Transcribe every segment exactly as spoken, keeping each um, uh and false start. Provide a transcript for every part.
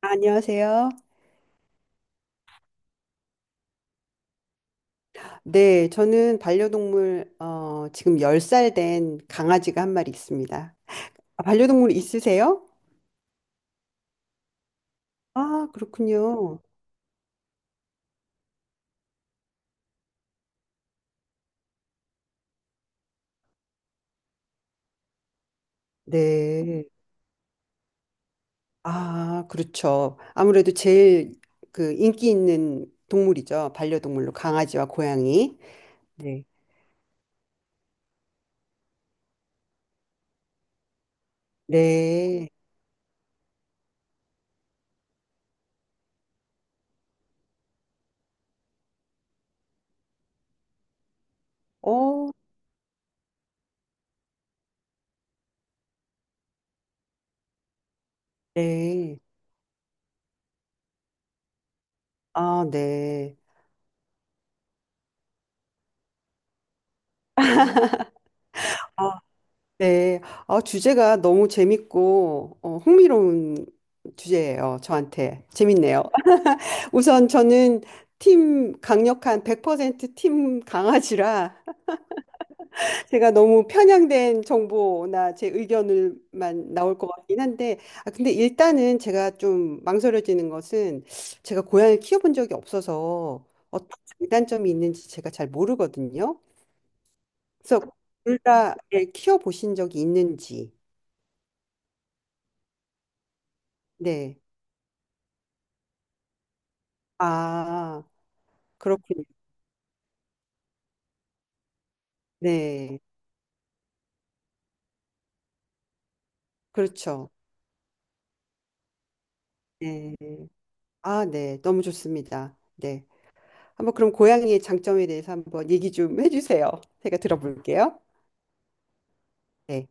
안녕하세요. 네, 저는 반려동물, 어, 지금 열 살 된 강아지가 한 마리 있습니다. 아, 반려동물 있으세요? 아, 그렇군요. 네. 아, 그렇죠. 아무래도 제일 그 인기 있는 동물이죠. 반려동물로 강아지와 고양이. 네. 네. 어, 네. 아, 네. 아, 네. 아, 주제가 너무 재밌고, 어, 흥미로운 주제예요. 저한테. 재밌네요. 우선 저는 팀 강력한 백 퍼센트 팀 강아지라 제가 너무 편향된 정보나 제 의견을만 나올 것 같긴 한데 아 근데 일단은 제가 좀 망설여지는 것은 제가 고양이를 키워본 적이 없어서 어떤 장단점이 있는지 제가 잘 모르거든요. 그래서 둘 다 키워보신 적이 있는지 네. 아 그렇군요. 네. 그렇죠. 네. 아, 네. 너무 좋습니다. 네. 한번 그럼 고양이의 장점에 대해서 한번 얘기 좀 해주세요. 제가 들어볼게요. 네.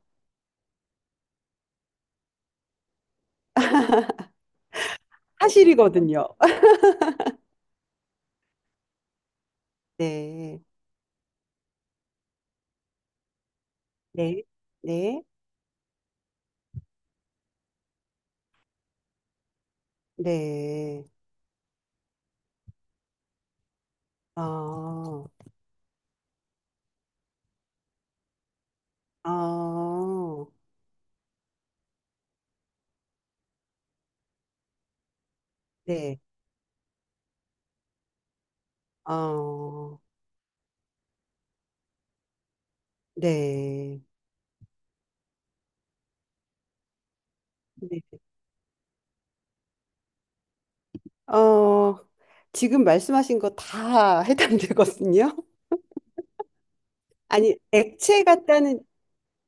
사실이거든요. 네. 네. 네. 네. 아, 아, 네. 아, 네. 네. 어, 지금 말씀하신 거 다 해당되거든요. 아니, 액체 같다는,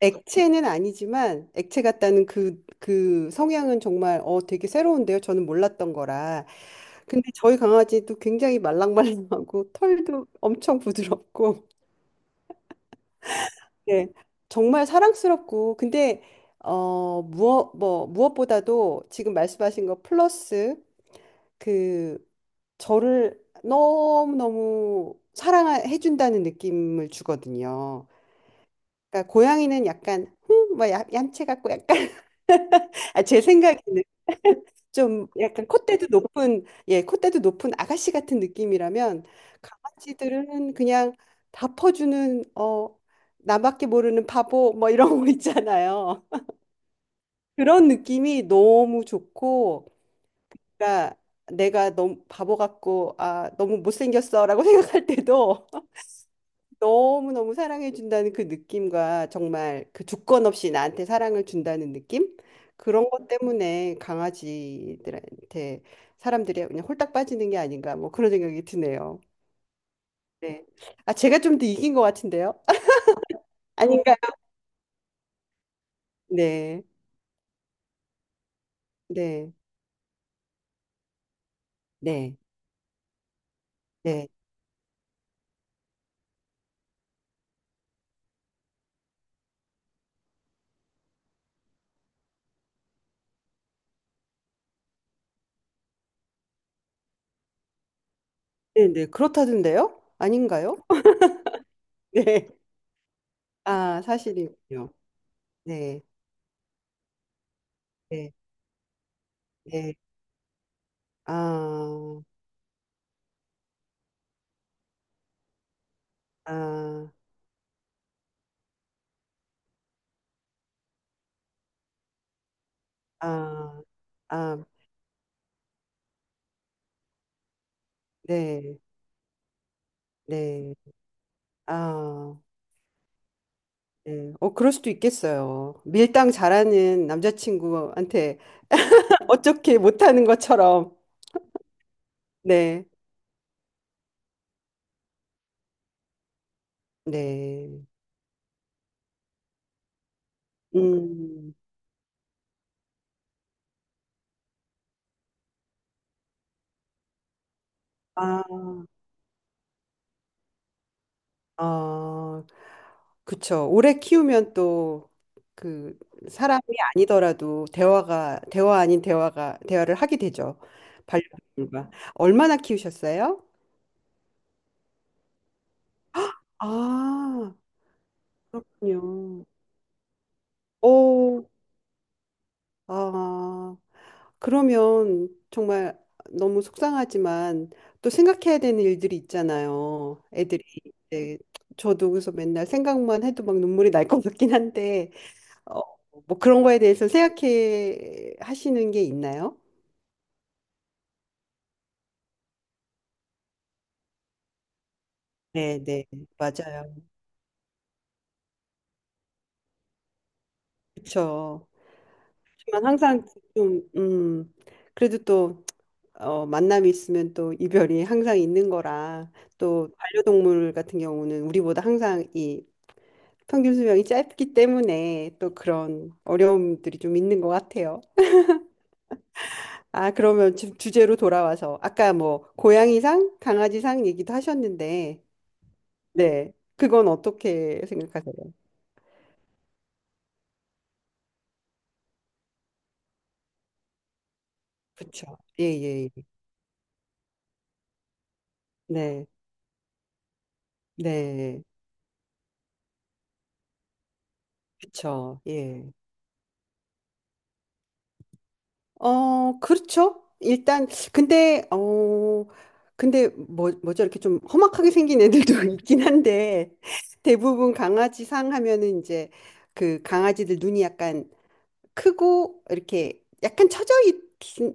액체는 아니지만, 액체 같다는 그, 그 성향은 정말, 어, 되게 새로운데요. 저는 몰랐던 거라. 근데 저희 강아지도 굉장히 말랑말랑하고 털도 엄청 부드럽고 네. 정말 사랑스럽고 근데 어 무엇 뭐 무엇보다도 지금 말씀하신 거 플러스 그 저를 너무너무 사랑해 준다는 느낌을 주거든요. 그러니까 고양이는 약간 뭐 얌체 같고 약간 아, 제 생각에는 좀 약간 콧대도 높은, 예, 콧대도 높은 아가씨 같은 느낌이라면 강아지들은 그냥 다 퍼주는, 어, 나밖에 모르는 바보 뭐 이런 거 있잖아요. 그런 느낌이 너무 좋고, 그러니까 내가 너무 바보 같고, 아, 너무 못생겼어라고 생각할 때도 너무너무 사랑해준다는 그 느낌과 정말 그 조건 없이 나한테 사랑을 준다는 느낌? 그런 것 때문에 강아지들한테 사람들이 그냥 홀딱 빠지는 게 아닌가 뭐 그런 생각이 드네요. 네. 아, 제가 좀 더 이긴 것 같은데요? 아닌가? 네. 네. 네. 네. 네. 네. 그렇다던데요? 아닌가요? 네. 아, 사실이군요. 네. 네. 네. 아, 아, 아, 아, 네. 네. 아, 예. 어, 그럴 수도 있겠어요. 밀당 잘하는 남자친구한테 어떻게 못하는 것처럼. 네, 네. 음, 아, 아, 그쵸. 오래 키우면 또 그 사람이 아니더라도 대화가, 대화 아닌 대화가, 대화를 하게 되죠. 반려동물과. 얼마나 키우셨어요? 아, 그렇군요. 오, 아. 그러면 정말 너무 속상하지만 또 생각해야 되는 일들이 있잖아요. 애들이 이제 저도 그래서 맨날 생각만 해도 막 눈물이 날 것 같긴 한데 어, 뭐 그런 거에 대해서 생각해 하시는 게 있나요? 네, 네, 맞아요. 그렇죠. 하지만 항상 좀 음, 그래도 또 어, 만남이 있으면 또 이별이 항상 있는 거라 또 반려동물 같은 경우는 우리보다 항상 이 평균 수명이 짧기 때문에 또 그런 어려움들이 좀 있는 것 같아요. 아, 그러면 지금 주제로 돌아와서 아까 뭐 고양이상, 강아지상 얘기도 하셨는데, 네, 그건 어떻게 생각하세요? 그렇죠. 예, 예, 예. 네, 네, 그렇죠. 예. 어, 그렇죠. 일단 근데 어, 근데 뭐 뭐죠 이렇게 좀 험악하게 생긴 애들도 있긴 한데 대부분 강아지상 하면은 이제 그 강아지들 눈이 약간 크고 이렇게 약간 처져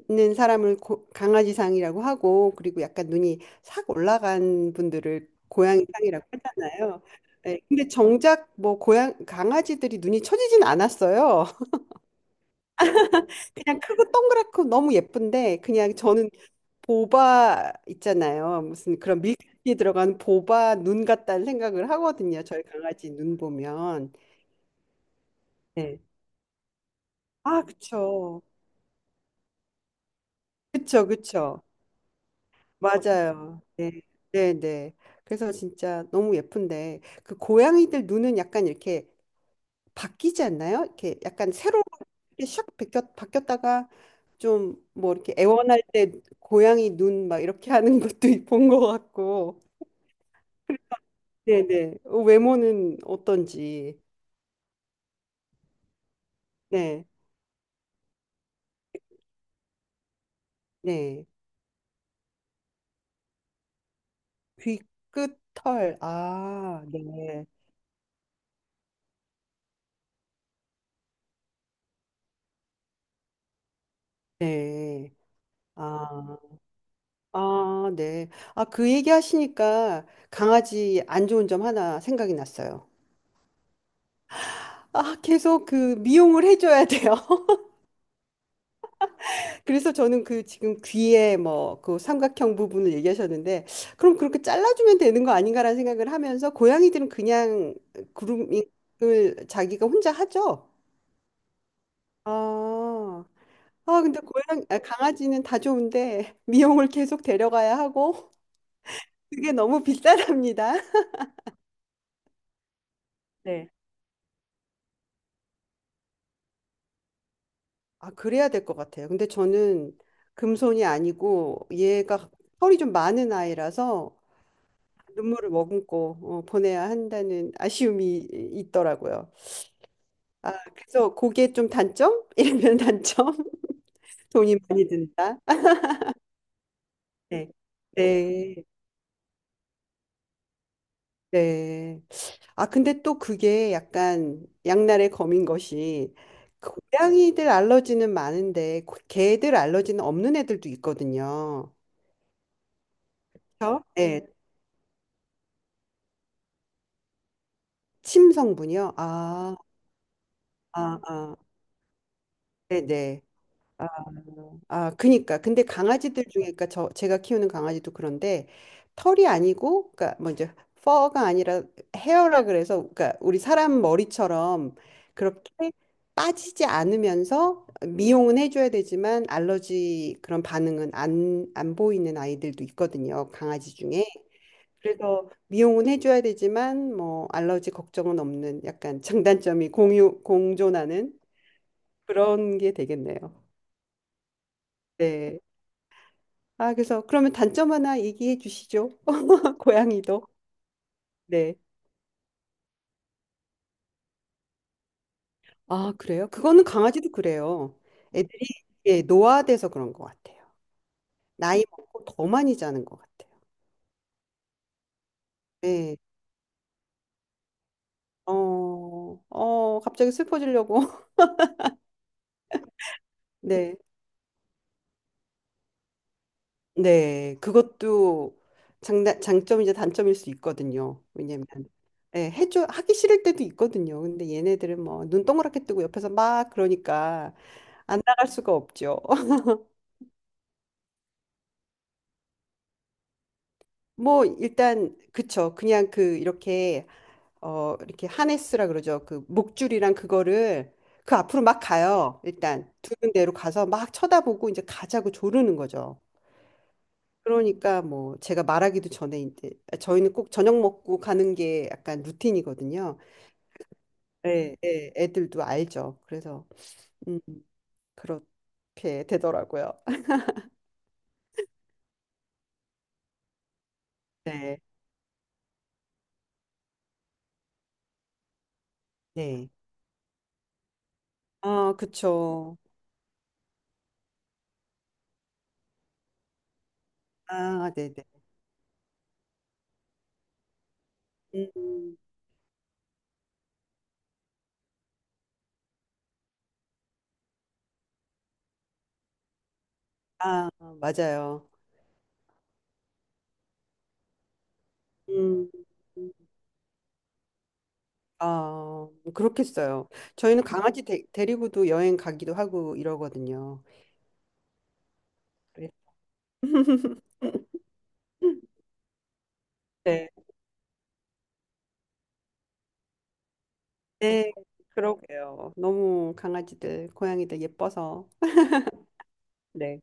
있는 사람을 고- 강아지상이라고 하고 그리고 약간 눈이 싹 올라간 분들을 고양이상이라고 하잖아요. 네, 근데 정작 뭐 고양 강아지들이 눈이 처지진 않았어요. 그냥 크고 동그랗고 너무 예쁜데 그냥 저는 보바 있잖아요. 무슨 그런 밀크티에 들어간 보바 눈 같다는 생각을 하거든요. 저희 강아지 눈 보면. 네. 아, 그쵸. 그쵸, 그쵸. 맞아요. 네, 네, 네. 그래서 진짜 너무 예쁜데 그 고양이들 눈은 약간 이렇게 바뀌지 않나요? 이렇게 약간 새로 이렇게 샥 바뀌었, 바뀌었다가 좀 뭐 이렇게 애원할 때 고양이 눈 막 이렇게 하는 것도 본 것 같고. 네, 네. 어, 외모는 어떤지. 네, 네. 귀 끝 털. 아, 네, 네. 아. 아, 네. 아, 그 얘기 하시니까 강아지 안 좋은 점 하나 생각이 났어요. 아, 계속 그 미용을 해줘야 돼요. 그래서 저는 그 지금 귀에 뭐 그 삼각형 부분을 얘기하셨는데, 그럼 그렇게 잘라주면 되는 거 아닌가라는 생각을 하면서 고양이들은 그냥 그루밍을 자기가 혼자 하죠. 아, 아, 근데 고양, 아, 강아지는 다 좋은데 미용을 계속 데려가야 하고 그게 너무 비싸답니다. 네. 아, 그래야 될 것 같아요. 근데 저는 금손이 아니고 얘가 털이 좀 많은 아이라서 눈물을 머금고 어, 보내야 한다는 아쉬움이 이- 있더라고요. 아, 그래서 그게 좀 단점? 이러면 단점? 돈이 많이 든다. 네. 네. 네. 아, 근데 또 그게 약간 양날의 검인 것이 그 고양이들 알러지는 많은데 고- 개들 알러지는 없는 애들도 있거든요. 그렇죠? 네. 침 성분이요? 아. 아, 아, 네네. 아, 아, 그니까. 근데 강아지들 중에, 그니까 저, 제가 키우는 강아지도 그런데 털이 아니고, 그니까 뭐 이제, 퍼가 아니라 헤어라 그래서, 그니까 우리 사람 머리처럼 그렇게 빠지지 않으면서 미용은 해줘야 되지만 알러지 그런 반응은 안, 안 보이는 아이들도 있거든요. 강아지 중에. 그래서 미용은 해줘야 되지만 뭐 알러지 걱정은 없는 약간 장단점이 공유, 공존하는 그런 게 되겠네요. 네. 아, 그래서 그러면 단점 하나 얘기해 주시죠. 고양이도. 네. 아, 그래요? 그거는 강아지도 그래요. 애들이 예, 노화돼서 그런 것 같아요. 나이 먹고 더 많이 자는 것 같아요. 네. 어, 어, 갑자기 슬퍼지려고. 네. 네, 그것도 장단, 장점이자 단점일 수 있거든요. 왜냐면 예, 해줘 하기 싫을 때도 있거든요. 근데 얘네들은 뭐 눈 동그랗게 뜨고 옆에서 막 그러니까 안 나갈 수가 없죠. 뭐 일단 그쵸. 그냥 그 이렇게 어 이렇게 하네스라 그러죠. 그 목줄이랑 그거를 그 앞으로 막 가요. 일단 두는 대로 가서 막 쳐다보고 이제 가자고 조르는 거죠. 그러니까 뭐 제가 말하기도 전에 이제 저희는 꼭 저녁 먹고 가는 게 약간 루틴이거든요. 예, 예, 애들도 알죠. 그래서 음, 그렇게 되더라고요. 네, 네. 아, 그쵸. 아, 네, 네. 음, 아, 맞아요. 음, 아, 그렇겠어요. 저희는 강아지 데, 데리고도 여행 가기도 하고 이러거든요. 그래서 네. 네, 그러게요. 너무 강아지들, 고양이들 예뻐서. 네.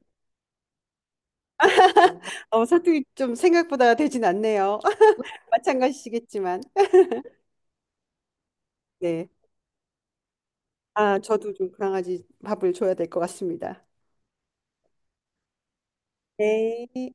어, 사투리 좀 생각보다 되진 않네요. 마찬가지시겠지만. 네. 아, 저도 좀 강아지 밥을 줘야 될 것 같습니다. 네.